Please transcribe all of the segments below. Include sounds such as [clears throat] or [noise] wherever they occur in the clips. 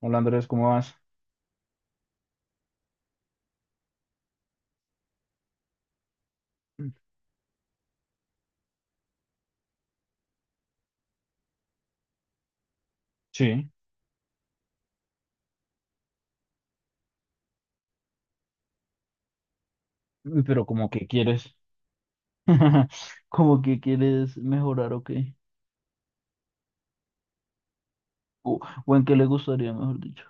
Hola Andrés, ¿cómo vas? Sí. Uy, pero como que quieres, [laughs] ¿como que quieres mejorar o qué? O, o en qué le gustaría, mejor dicho.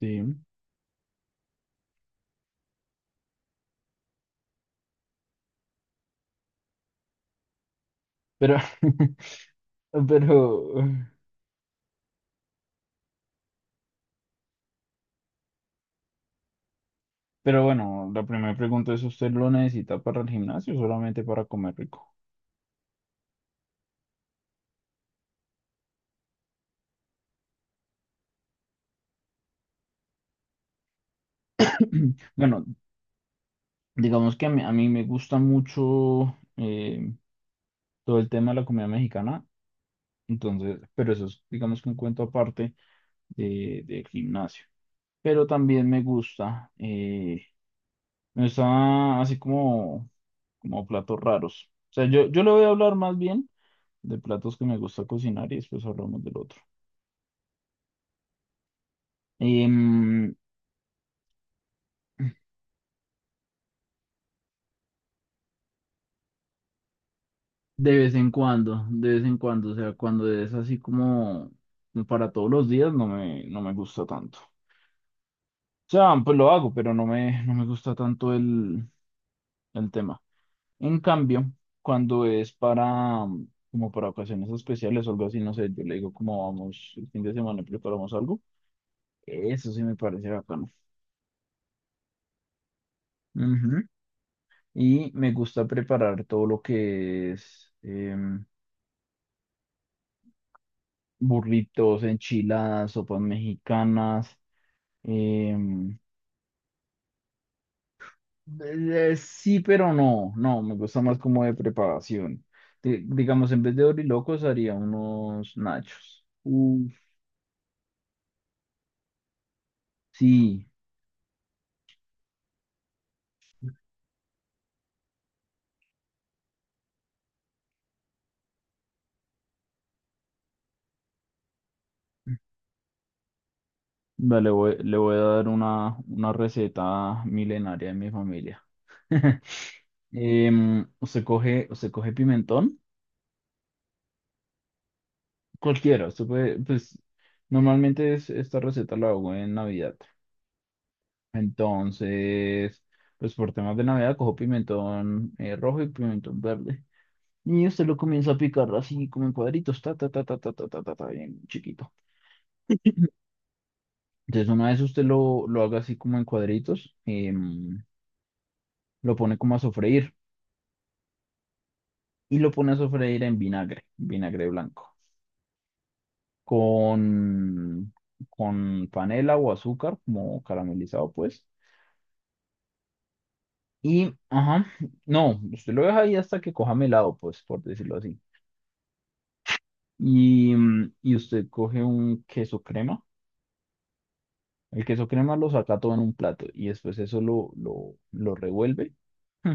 Sí, pero, [laughs] pero, pero bueno, la primera pregunta es: ¿usted lo necesita para el gimnasio o solamente para comer rico? [clears throat] Bueno, digamos que a mí me gusta mucho eh, todo el tema de la comida mexicana, entonces, pero eso es, digamos, que un cuento aparte de, del gimnasio. Pero también me gusta, está así como, como platos raros. O sea, yo le voy a hablar más bien de platos que me gusta cocinar, y después hablamos del otro. Em, de vez en cuando, de vez en cuando, o sea, cuando es así como para todos los días, no me gusta tanto. O sea, pues lo hago, pero no me gusta tanto el tema. En cambio, cuando es para, como para ocasiones especiales o algo así, no sé, yo le digo como vamos el fin de semana y preparamos algo, eso sí me parece bacano. Ujú. Y me gusta preparar todo lo que es burritos, enchiladas, sopas mexicanas. em, sí, pero no, no, me gusta más como de preparación. Digamos, en vez de orilocos haría unos nachos. Uf, sí. Vale, le voy a dar una receta milenaria de mi familia. [laughs] Usted coge, usted coge pimentón. Cualquiera, usted puede, pues normalmente esta receta la hago en Navidad. Entonces, pues por temas de Navidad cojo pimentón rojo y pimentón verde. Y usted lo comienza a picar así como en cuadritos, ta, ta, ta, ta, ta, ta, ta, ta, ta, bien chiquito. Entonces, una vez usted lo haga así como en cuadritos, lo pone como a sofreír y lo pone a sofreír en vinagre, vinagre blanco, con, con panela o azúcar, como caramelizado, pues. Y, ajá, no, usted lo deja ahí hasta que coja melado, pues, por decirlo así. Y, y usted coge un queso crema. El queso crema lo saca todo en un plato y después eso lo revuelve, mm,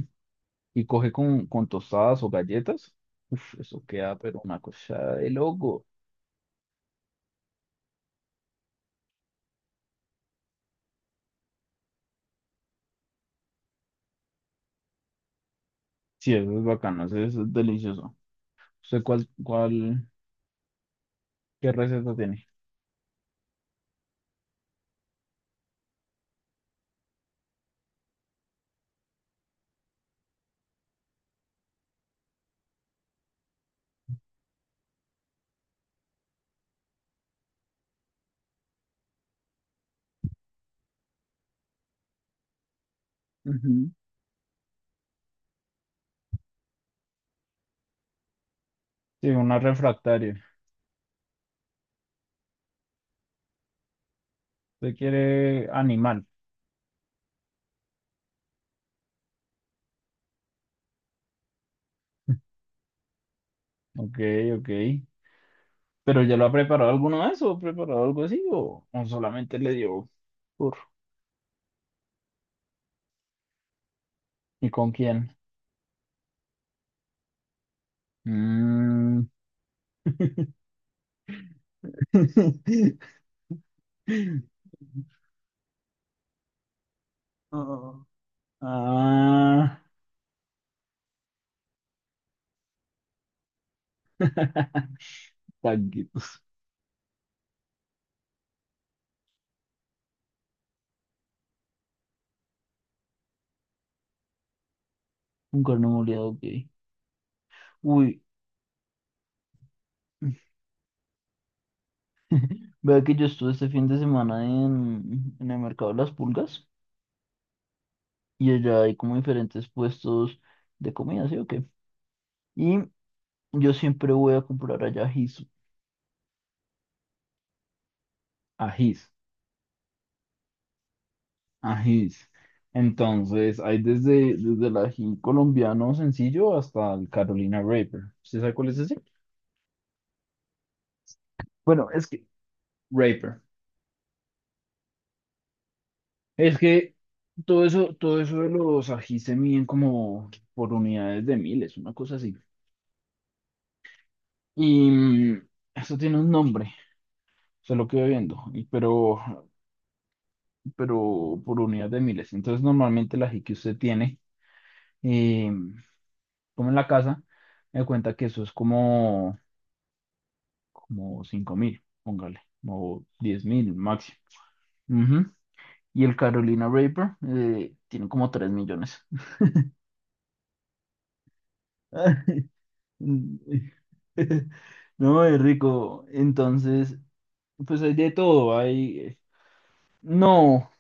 y coge con tostadas o galletas. Uf, eso queda, pero una cosa de loco. Sí, eso es bacano, eso es delicioso. ¿Usted cuál, cuál, qué receta tiene? Ujú. Sí, una refractaria. ¿Usted quiere animal? Ok, ok. ¿Pero ya lo ha preparado alguno de eso? ¿Ha preparado algo así? O solamente le dio por? ¿Y con quién? Mm. [laughs] Oh. Ah, [laughs] tanquitos. Un cuerno moliado, ok. Uy, vea que yo estuve este fin de semana en el mercado de las pulgas, y allá hay como diferentes puestos de comida, ¿sí o qué? Y yo siempre voy a comprar allá ají, ají. Ajís. Entonces, hay desde, desde el ají colombiano sencillo hasta el Carolina Reaper. ¿Usted sabe cuál es ese? Bueno, es que, Raper. Es que todo eso de los ají se miden como por unidades de miles, una cosa así. Y eso tiene un nombre, se lo quedo viendo, pero por unidades de miles. Entonces, normalmente el ají que usted tiene, eh, como en la casa, me cuenta que eso es como, como 5.000, póngale, o 10.000 máximo. Ujú. Y el Carolina Reaper tiene como 3 millones. [laughs] No, es rico. Entonces, pues hay de todo. Hay. No.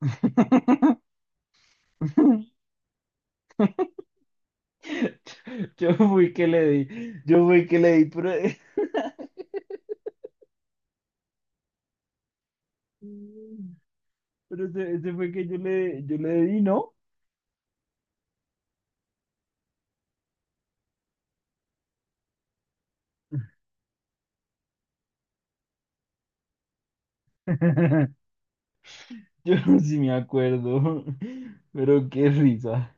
[laughs] Yo fui que le di. Yo fui que le di, pero. Pero ese fue que yo le di, ¿no? [laughs] Yo sí me acuerdo. Pero qué risa.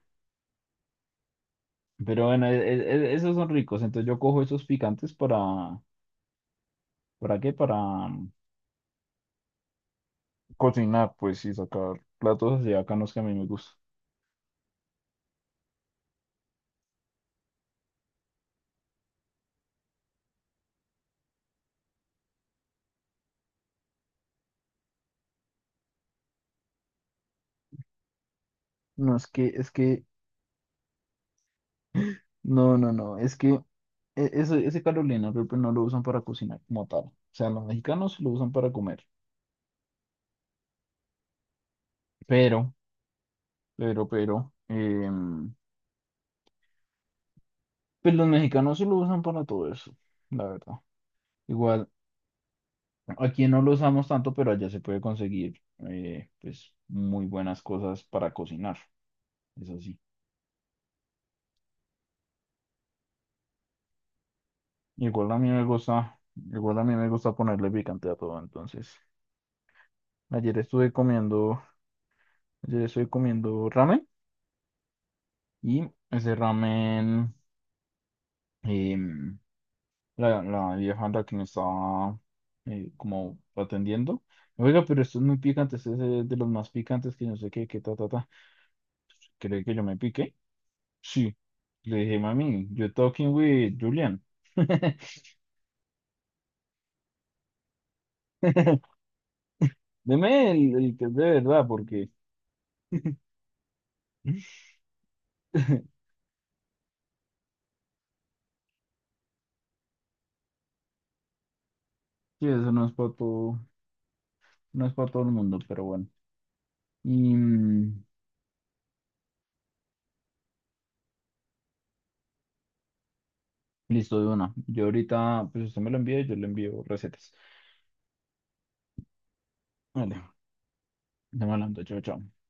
Pero bueno, esos son ricos. Entonces yo cojo esos picantes ¿para qué? Para, mm, cocinar, pues, y sacar platos así bacanos que a mí me gustan. No, es que, no, no, no, es que ese, ese Carolina Reaper no lo usan para cocinar como tal. O sea, los mexicanos sí lo usan para comer. Pero, pero, pues los mexicanos sí lo usan para todo eso, la verdad. Igual, aquí no lo usamos tanto, pero allá se puede conseguir pues muy buenas cosas para cocinar. Eso sí. Igual a mí me gusta, Igual a mí me gusta ponerle picante a todo. Entonces, ayer estuve comiendo, ayer estuve comiendo ramen, y ese ramen, em, la, la vieja la que me estaba como atendiendo. Oiga, pero esto es muy picante, este es de los más picantes, que no sé qué, qué, ta, ta, ta. ¿Cree que yo me piqué? Sí. Le dije: mami, you're talking with Julian. [laughs] Deme el que es de verdad, porque... [laughs] Sí, eso no es para todo, no es para todo el mundo, pero bueno. Y listo de una. Yo ahorita, pues usted me lo envía y yo le envío recetas. Vale, estamos hablando, chao, chao.